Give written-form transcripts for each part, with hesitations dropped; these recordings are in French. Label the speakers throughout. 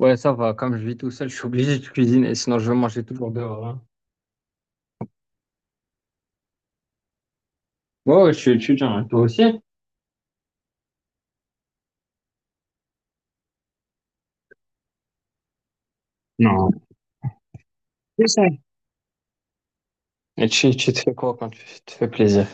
Speaker 1: Ouais, ça va. Comme je vis tout seul, je suis obligé de cuisiner, sinon je vais manger toujours dehors, hein. Ouais, ouais, je suis étudiant, hein. Toi aussi? Non, c'est ça. Et tu te fais quoi quand tu te fais plaisir?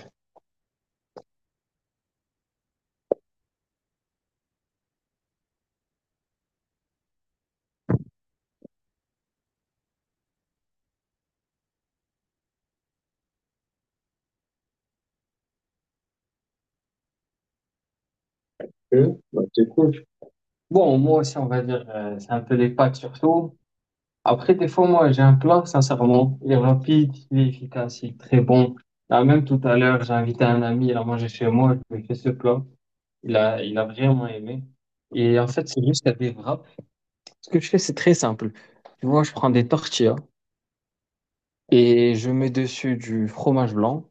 Speaker 1: Bah, c'est cool. Bon, moi aussi, on va dire, c'est un peu les pâtes surtout. Après, des fois, moi, j'ai un plat, sincèrement. Il est rapide, il est efficace, il est très bon. Là, même tout à l'heure, j'ai invité un ami, il a mangé chez moi, je lui ai fait ce plat. Il a vraiment aimé. Et en fait, c'est juste à des wraps. Ce que je fais, c'est très simple. Tu vois, je prends des tortillas. Et je mets dessus du fromage blanc.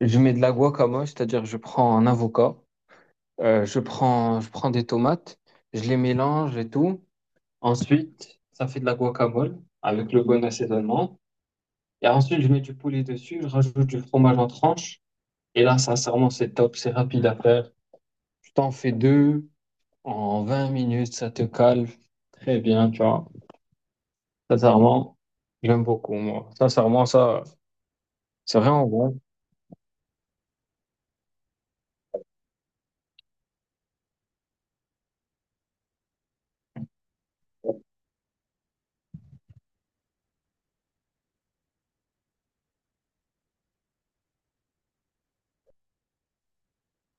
Speaker 1: Je mets de la guacamole, c'est-à-dire je prends un avocat, je prends des tomates, je les mélange et tout. Ensuite, ça fait de la guacamole avec le bon assaisonnement. Et ensuite, je mets du poulet dessus, je rajoute du fromage en tranche. Et là, sincèrement, c'est top, c'est rapide à faire. Tu t'en fais deux en 20 minutes, ça te calme. Très bien, tu vois. Sincèrement, j'aime beaucoup, moi. Sincèrement, ça, c'est vraiment bon.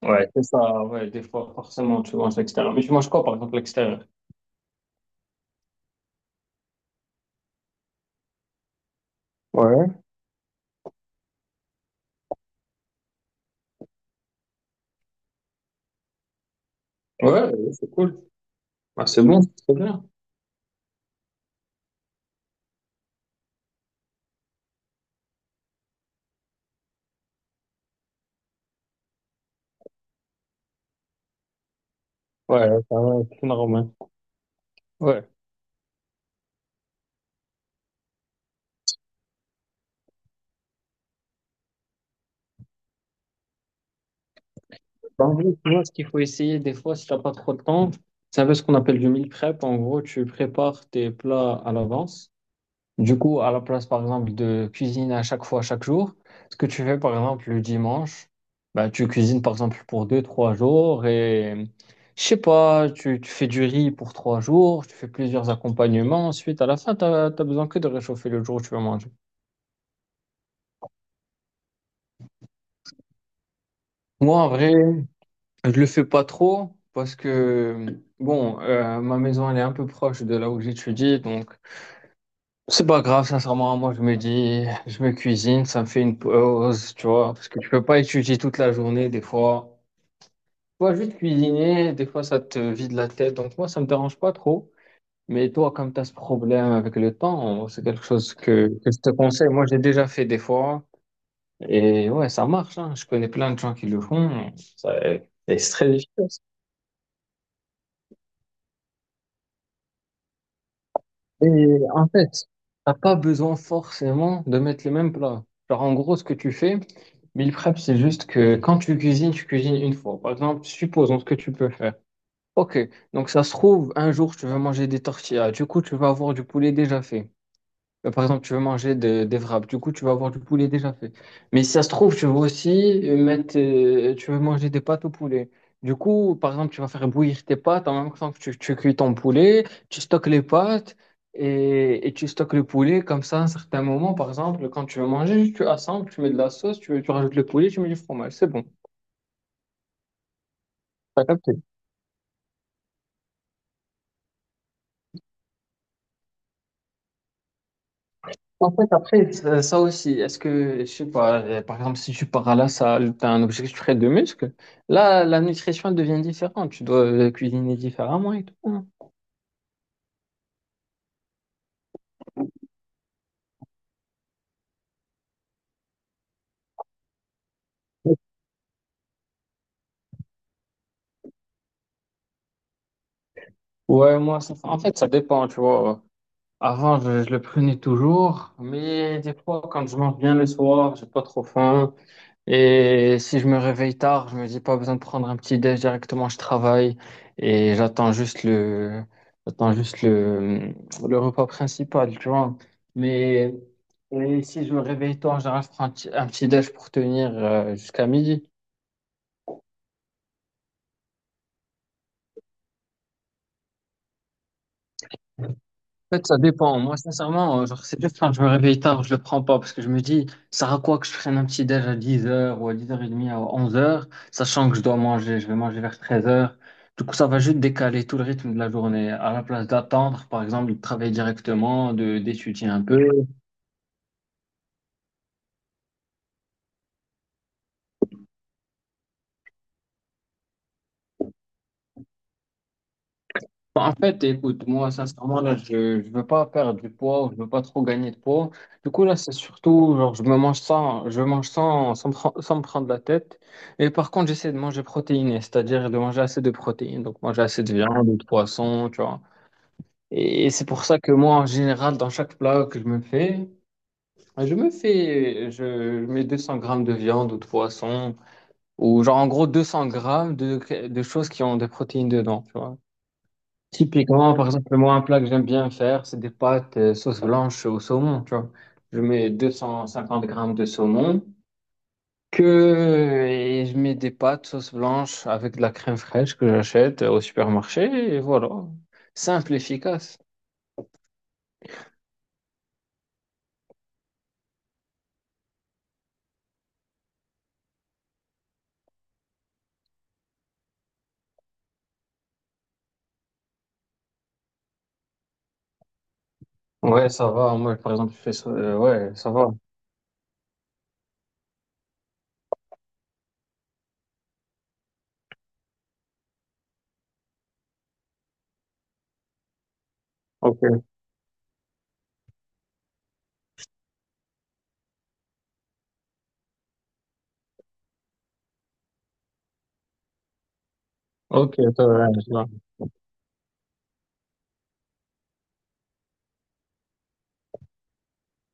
Speaker 1: Ouais, c'est ça, ouais, des fois, forcément, tu manges l'extérieur. Mais tu manges quoi, par exemple, l'extérieur? Ouais, ouais, c'est cool. Ah, c'est bon, c'est bien. Ouais, ça va, c'est normal. Ouais. Bah, en gros, tu ce qu'il faut essayer des fois, si t'as pas trop de temps, c'est un peu ce qu'on appelle du meal prep. En gros, tu prépares tes plats à l'avance. Du coup, à la place, par exemple, de cuisiner à chaque fois, chaque jour, ce que tu fais, par exemple, le dimanche, bah, tu cuisines, par exemple, pour 2, 3 jours et, je sais pas, tu fais du riz pour 3 jours, tu fais plusieurs accompagnements. Ensuite, à la fin, t'as besoin que de réchauffer le jour où tu vas manger. Moi, en vrai, je, le fais pas trop parce que, bon, ma maison, elle est un peu proche de là où j'étudie, donc c'est pas grave, sincèrement. Moi, je me dis, je me cuisine, ça me fait une pause, tu vois, parce que tu peux pas étudier toute la journée, des fois. Tu vois, juste cuisiner, des fois, ça te vide la tête. Donc, moi, ça me dérange pas trop. Mais toi, comme tu as ce problème avec le temps, c'est quelque chose que je te conseille. Moi, j'ai déjà fait des fois. Et ouais, ça marche, hein. Je connais plein de gens qui le font. Ça- Et c'est très difficile. Et en fait, t'as pas besoin forcément de mettre les mêmes plats. Genre, en gros, ce que tu fais, meal prep, c'est juste que quand tu cuisines une fois. Par exemple, supposons ce que tu peux faire. Ok, donc ça se trouve, un jour, tu vas manger des tortillas. Du coup, tu vas avoir du poulet déjà fait. Par exemple, tu veux manger des wraps, du coup, tu vas avoir du poulet déjà fait. Mais si ça se trouve, tu veux aussi mettre, tu veux manger des pâtes au poulet. Du coup, par exemple, tu vas faire bouillir tes pâtes en même temps que tu cuis ton poulet, tu stockes les pâtes et tu stockes le poulet. Comme ça, à un certain moment, par exemple, quand tu veux manger, tu assembles, tu mets de la sauce, tu rajoutes le poulet, tu mets du fromage. C'est bon. En fait, après, ça aussi, est-ce que, je sais pas, par exemple, si tu pars à la salle, tu as un objectif très de muscle, là, la nutrition elle devient différente. Tu dois cuisiner différemment et tout, hein. Ouais, moi, en fait, ça dépend, tu vois. Avant, je le prenais toujours, mais des fois, quand je mange bien le soir, j'ai pas trop faim. Et si je me réveille tard, je me dis pas besoin de prendre un petit déj directement, je travaille et j'attends juste le, le repas principal, tu vois. Mais et si je me réveille tard, en général, je prends un petit déj pour tenir jusqu'à midi. En fait, ça dépend. Moi, sincèrement, genre, c'est juste quand je me réveille tard, je le prends pas parce que je me dis, ça sert à quoi que je prenne un petit déj à 10h ou à 10h30 à 11h, sachant que je dois manger, je vais manger vers 13h. Du coup, ça va juste décaler tout le rythme de la journée. À la place d'attendre, par exemple, de travailler directement, de d'étudier un peu. Bon, en fait, écoute, moi, sincèrement, là, je ne veux pas perdre du poids, je veux pas trop gagner de poids. Du coup, là, c'est surtout, genre, je mange sans me prendre la tête. Et par contre, j'essaie de manger protéiné, c'est-à-dire de manger assez de protéines. Donc, manger assez de viande ou de poisson, tu vois. Et, c'est pour ça que moi, en général, dans chaque plat que je me fais, je mets 200 grammes de viande ou de poisson, ou genre, en gros, 200 grammes de choses qui ont des protéines dedans, tu vois. Typiquement, par exemple, moi, un plat que j'aime bien faire, c'est des pâtes sauce blanche au saumon, tu vois. Je mets 250 grammes de saumon, et je mets des pâtes sauce blanche avec de la crème fraîche que j'achète au supermarché, et voilà. Simple, efficace. Ouais, ça va. Moi, par exemple, je fais ça. Ouais, ça va. Ok. Ok, ça va, je vois.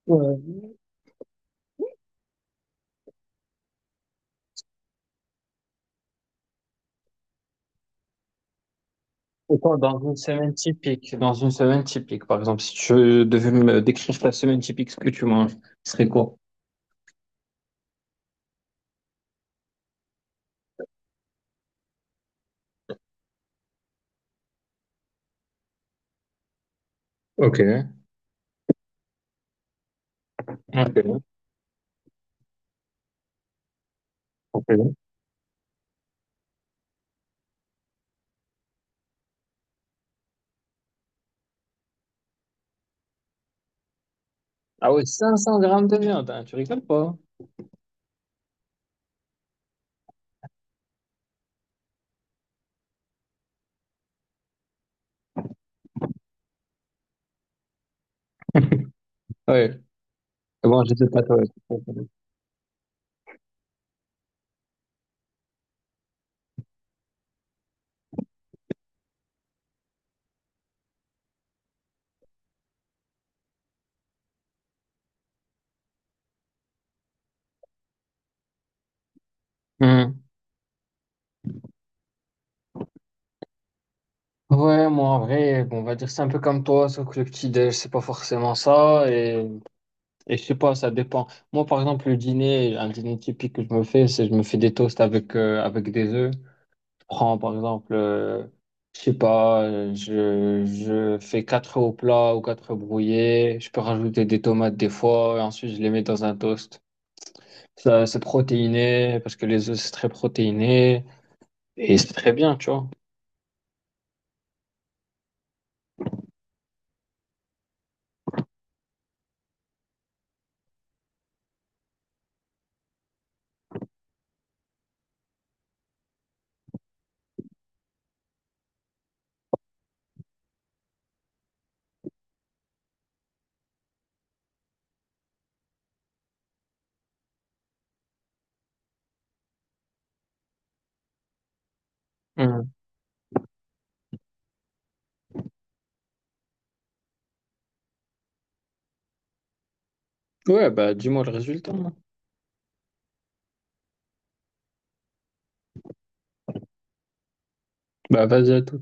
Speaker 1: Ouais. Et toi, dans une semaine typique, dans une semaine typique, par exemple, si tu devais me décrire ta semaine typique, ce que tu manges, ce serait quoi? Ok. Ok. C'est bon. Ah ouais, 500 grammes de viande, hein, tu rigoles pas? Ouais. Bon, je sais pas toi. Je sais pas, toi. Hmm. Ouais, moi en vrai, bon, on va dire c'est un peu comme toi, sauf que le petit déj, c'est pas forcément ça. Et je sais pas, ça dépend. Moi, par exemple, le dîner, un dîner typique que je me fais, c'est je me fais des toasts avec des œufs. Je prends, par exemple, je sais pas, je fais quatre œufs au plat ou quatre œufs brouillés. Je peux rajouter des tomates des fois, et ensuite je les mets dans un toast. Ça, c'est protéiné, parce que les œufs, c'est très protéiné, et c'est très bien, tu vois. Mm. Ouais, bah dis-moi le résultat, hein. Bah vas-y à tout.